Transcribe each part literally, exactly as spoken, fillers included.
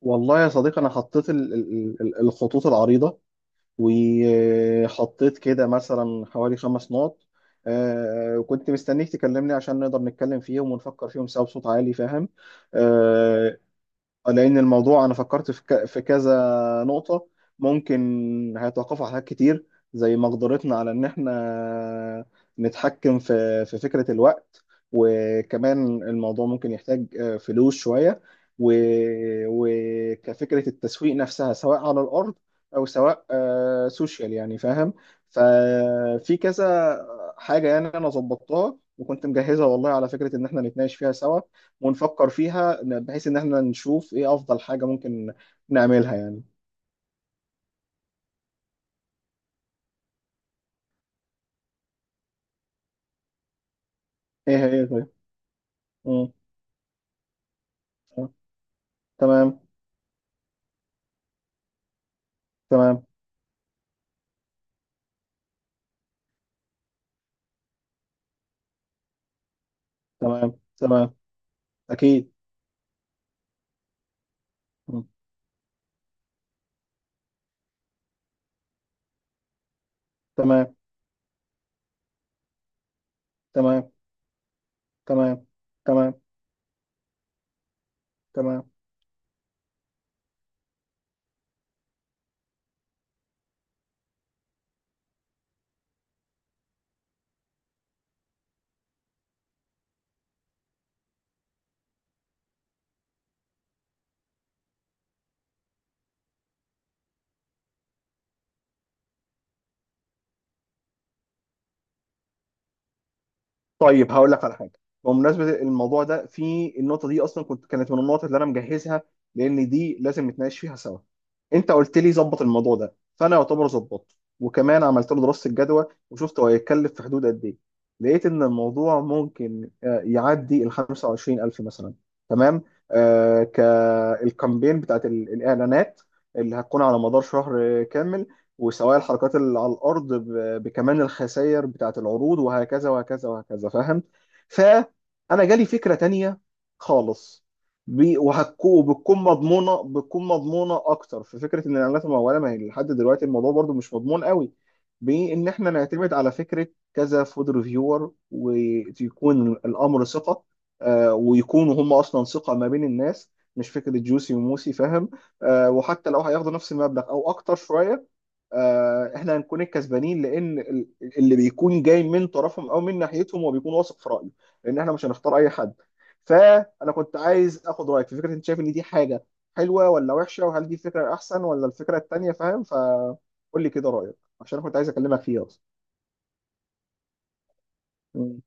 والله يا صديقي انا حطيت ال- ال- ال- الخطوط العريضه، وحطيت كده مثلا حوالي خمس نقط. آه، كنت مستنيك تكلمني عشان نقدر نتكلم فيهم ونفكر فيهم سوا بصوت عالي، فاهم؟ آه، لأن الموضوع أنا فكرت في ك- في كذا نقطة ممكن هيتوقفوا على حاجات كتير، زي مقدرتنا على إن إحنا نتحكم في في فكرة الوقت. وكمان الموضوع ممكن يحتاج آه، فلوس شوية. و- وكفكرة التسويق نفسها سواء على الأرض أو سواء آه، سوشيال، يعني فاهم؟ ففي كذا حاجة، يعني أنا ظبطتها وكنت مجهزها والله على فكرة إن إحنا نتناقش فيها سوا ونفكر فيها ن-، بحيث ان احنا نشوف ايه افضل حاجة ممكن نعملها يعني. ايه هي؟ طيب. مم. آه. تمام، تمام. تمام، تمام. اكيد. مم. تمام، تمام. تمام، تمام. تمام. طيب، هقول لك على حاجه. بمناسبه الموضوع ده، في النقطه دي اصلا كنت، كانت من النقط اللي انا مجهزها، لان دي لازم نتناقش فيها سوا. انت قلت لي ظبط الموضوع ده، فانا يعتبر ظبطته وكمان عملت له دراسه الجدوى وشفت هو هيتكلف في حدود قد ايه. لقيت ان الموضوع ممكن آه، يعدي ال خمسة وعشرين ألف مثلا. تمام. آه، كالكامبين بتاعت ال- الاعلانات اللي هتكون على مدار شهر كامل، وسواء الحركات اللي على الارض ب- بكمان الخسائر بتاعه العروض وهكذا وهكذا وهكذا، فاهم؟ فانا جالي فكره تانية خالص، بي- وهتكو- وبتكون مضمونه بتكون مضمونه اكتر في فكره ان الاعلانات المموله، ما هي لحد دلوقتي الموضوع برضو مش مضمون قوي، بان احنا نعتمد على فكره كذا فود ريفيور ويكون الامر ثقه. آه، ويكونوا هم اصلا ثقه ما بين الناس، مش فكره جوسي وموسي، فاهم؟ آه، وحتى لو هياخدوا نفس المبلغ او اكتر شويه، آه، احنا هنكون الكسبانين، لان ال- اللي بيكون جاي من طرفهم او من ناحيتهم هو بيكون واثق في رايه، لان احنا مش هنختار اي حد. فانا كنت عايز اخد رايك في فكره، انت شايف ان دي حاجه حلوه ولا وحشه، وهل دي فكره احسن ولا الفكره التانيه؟ فاهم، فقول لي كده رايك عشان انا كنت عايز اكلمك فيها اصلا. مم.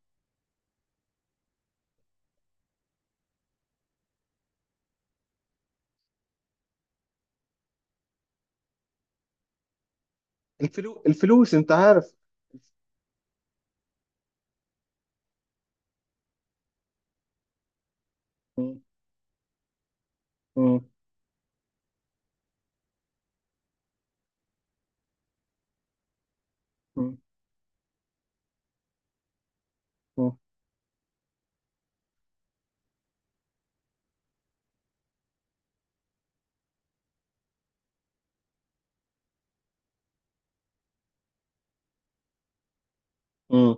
الفلو... الفلوس انت عارف. مم. مم. مم. مم.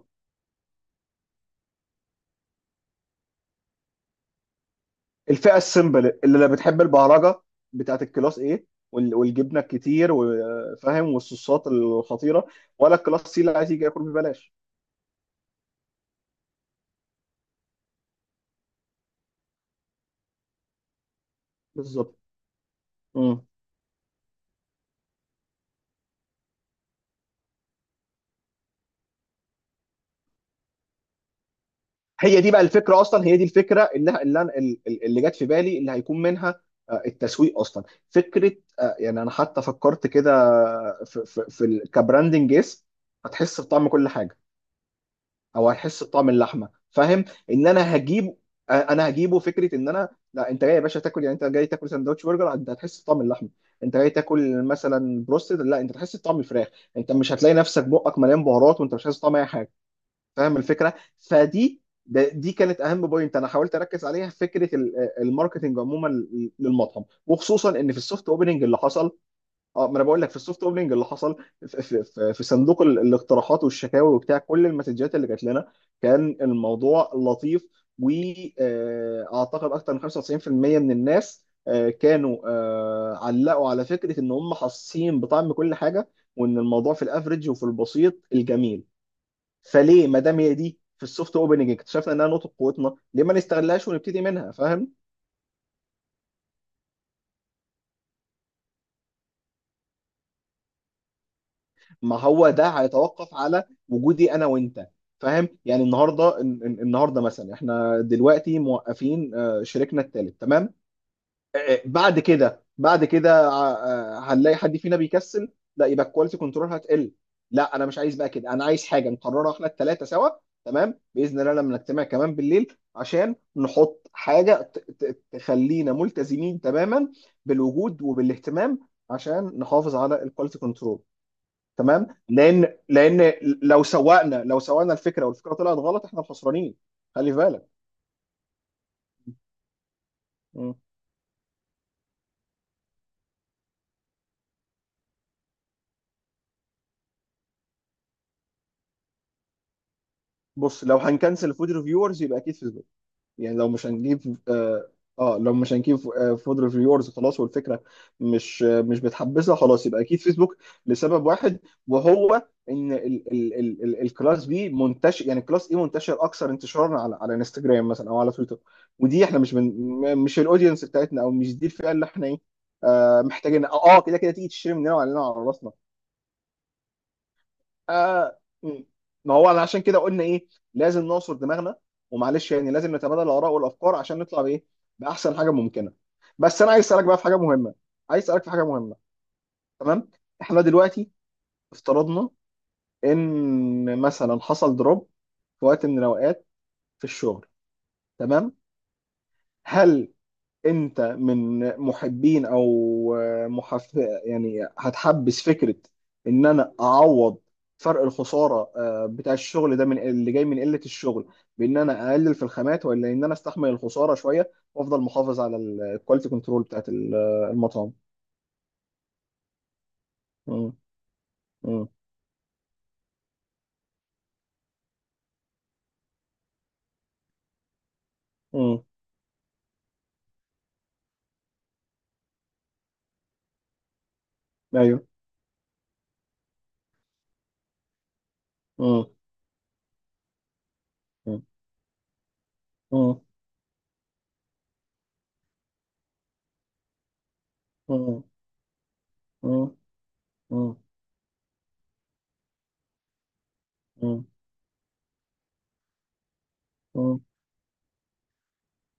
الفئه السمبل اللي لا بتحب البهرجه بتاعت الكلاس ايه، والجبنه الكتير وفاهم والصوصات الخطيره، ولا الكلاس سي اللي عايز يجي ياكل ببلاش؟ بالظبط. مم. هي دي بقى الفكره اصلا، هي دي الفكره اللي اللي أنا- اللي جت في بالي، اللي هيكون منها آه، التسويق اصلا فكره. آه، يعني انا حتى فكرت كده في في, في ال- كبراندنج اسم. هتحس بطعم كل حاجه او هيحس بطعم اللحمه، فاهم؟ ان انا هجيب، انا هجيبه فكره ان انا، لا انت جاي يا باشا تاكل، يعني انت جاي تاكل سندوتش برجر انت هتحس بطعم اللحمه، انت جاي تاكل مثلا بروستد لا انت هتحس بطعم الفراخ، انت مش هتلاقي نفسك بقك مليان بهارات وانت مش حاسس بطعم اي حاجه، فاهم الفكره؟ فدي ده- دي كانت اهم بوينت انا حاولت اركز عليها في فكره ال- الماركتنج عموما للمطعم، وخصوصا ان في السوفت اوبننج اللي حصل. اه، ما انا بقول لك في السوفت اوبننج اللي حصل في, في, في, في صندوق ال- الاقتراحات والشكاوي وبتاع، كل المسجات اللي جات لنا كان الموضوع لطيف، واعتقد اكتر من خمسة وتسعين في المية من الناس آه، كانوا آه، علقوا على فكره ان هم حاسين بطعم كل حاجه، وان الموضوع في الافريج وفي البسيط الجميل. فليه ما دام هي دي في السوفت اوبننج اكتشفنا انها نقطه قوتنا، ليه ما نستغلهاش ونبتدي منها، فاهم؟ ما هو ده هيتوقف على وجودي انا وانت، فاهم؟ يعني النهارده الن- الن- النهارده مثلا احنا دلوقتي موقفين آه، شريكنا الثالث تمام. آه، آه، بعد كده، بعد كده، آه، آه، هنلاقي حد فينا بيكسل، لا يبقى الكواليتي كنترول هتقل. لا انا مش عايز بقى كده، انا عايز حاجه نقررها احنا الثلاثه سوا. تمام، باذن الله لما نجتمع كمان بالليل عشان نحط حاجه ت- ت- تخلينا ملتزمين تماما بالوجود وبالاهتمام، عشان نحافظ على الكواليتي كنترول. تمام، لان لان لو سوقنا لو سوقنا الفكره والفكره طلعت غلط احنا الخسرانين، خلي في بالك. مم. بص، لو هنكنسل فود ريفيورز يبقى اكيد فيسبوك. يعني لو مش هنجيب اه، آه، لو مش هنجيب آه، فود ريفيورز خلاص، والفكره مش آه، مش بتحبسها خلاص، يبقى اكيد فيسبوك. لسبب واحد، وهو ان ال ال ال ال الكلاس بي منتشر، يعني الكلاس اي منتشر اكثر انتشارا على على انستجرام مثلا او على تويتر، ودي احنا مش من، م- مش الاودينس بتاعتنا، او مش دي الفئه اللي احنا ايه آه محتاجين اه، آه، كده كده تيجي تشتري مننا وعلينا على راسنا. آه م. ما هو أنا عشان كده قلنا ايه؟ لازم نعصر دماغنا، ومعلش يعني لازم نتبادل الاراء والافكار عشان نطلع بايه، باحسن حاجه ممكنه. بس انا عايز اسالك بقى في حاجه مهمه، عايز اسالك في حاجه مهمه. تمام، احنا دلوقتي افترضنا ان مثلا حصل دروب في وقت من الاوقات في الشغل، تمام؟ هل انت من محبين او محف، يعني هتحبس فكره ان انا اعوض فرق الخساره آه، بتاع الشغل ده من اللي جاي من قله الشغل، بان انا اقلل في الخامات، ولا ان انا استحمل الخساره شويه وافضل محافظ على الكواليتي كنترول بتاعت ال- المطعم؟ مم، مم، مم، ايوه. مم، مم، مم، مم، مم، مم، مم،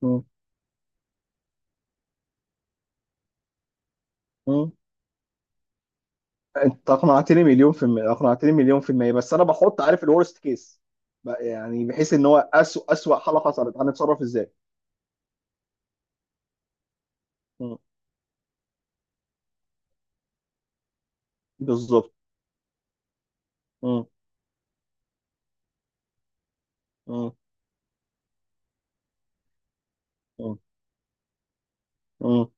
مم، مم. انت اقنعتني مليون في المية، اقنعتني مليون في المية، بس انا بحط عارف الورست كيس، يعني بحيث ان هو اسوء اسوء حالة حصلت هنتصرف ازاي. مم. بالظبط. مم. مم. مم. مم.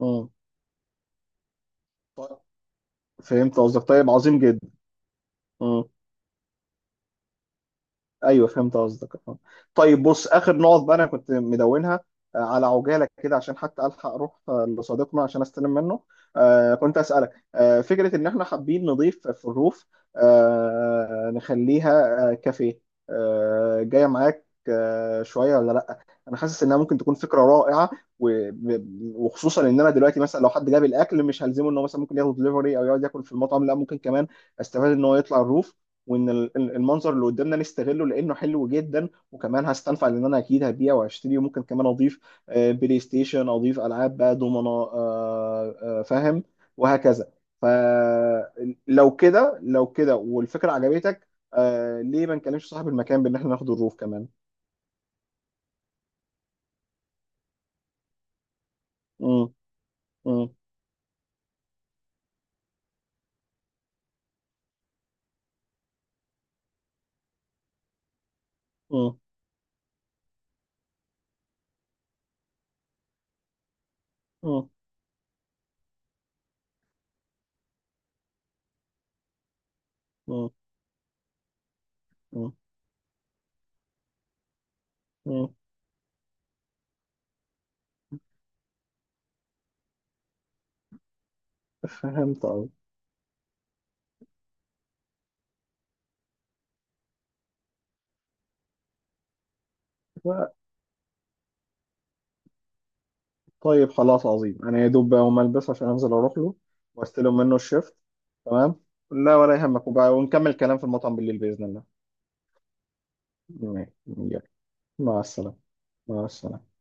مم. طيب. فهمت قصدك، طيب عظيم جدا. مم. ايوه فهمت قصدك، اه. طيب بص، اخر نقط بقى انا كنت مدونها آه، على عجاله كده عشان حتى الحق اروح آه، لصديقنا عشان استلم منه. آه، كنت اسالك آه، فكره ان احنا حابين نضيف في الروف، آه، نخليها آه، كافيه، آه، جايه معاك آه، شويه ولا لا. انا حاسس انها ممكن تكون فكره رائعه، و- ب- وخصوصا ان انا دلوقتي مثلا لو حد جاب الاكل مش هلزمه ان هو مثلا ممكن ياخد دليفري او يقعد ياكل في المطعم، لا ممكن كمان استفاد ان هو يطلع الروف، وان ال- ال- المنظر اللي قدامنا نستغله لانه حلو جدا، وكمان هستنفع لان انا اكيد هبيع وهشتري وممكن كمان اضيف آه، بلاي ستيشن، اضيف العاب بقى دومنا، آه، آه، فاهم، وهكذا. فلو كده، لو كده، والفكره عجبتك، آه، ليه ما نكلمش صاحب المكان بان احنا ناخد الروف كمان؟ مم، مم، مم، مم، مم، مم، مم. فهمت قوي. طيب خلاص عظيم، انا يا دوب بقى اقوم البس عشان انزل اروح له واستلم منه الشيفت. تمام. لا ولا يهمك، وبقى ونكمل كلام في المطعم بالليل باذن الله. تمام. يلا، مع السلامه. مع السلامه.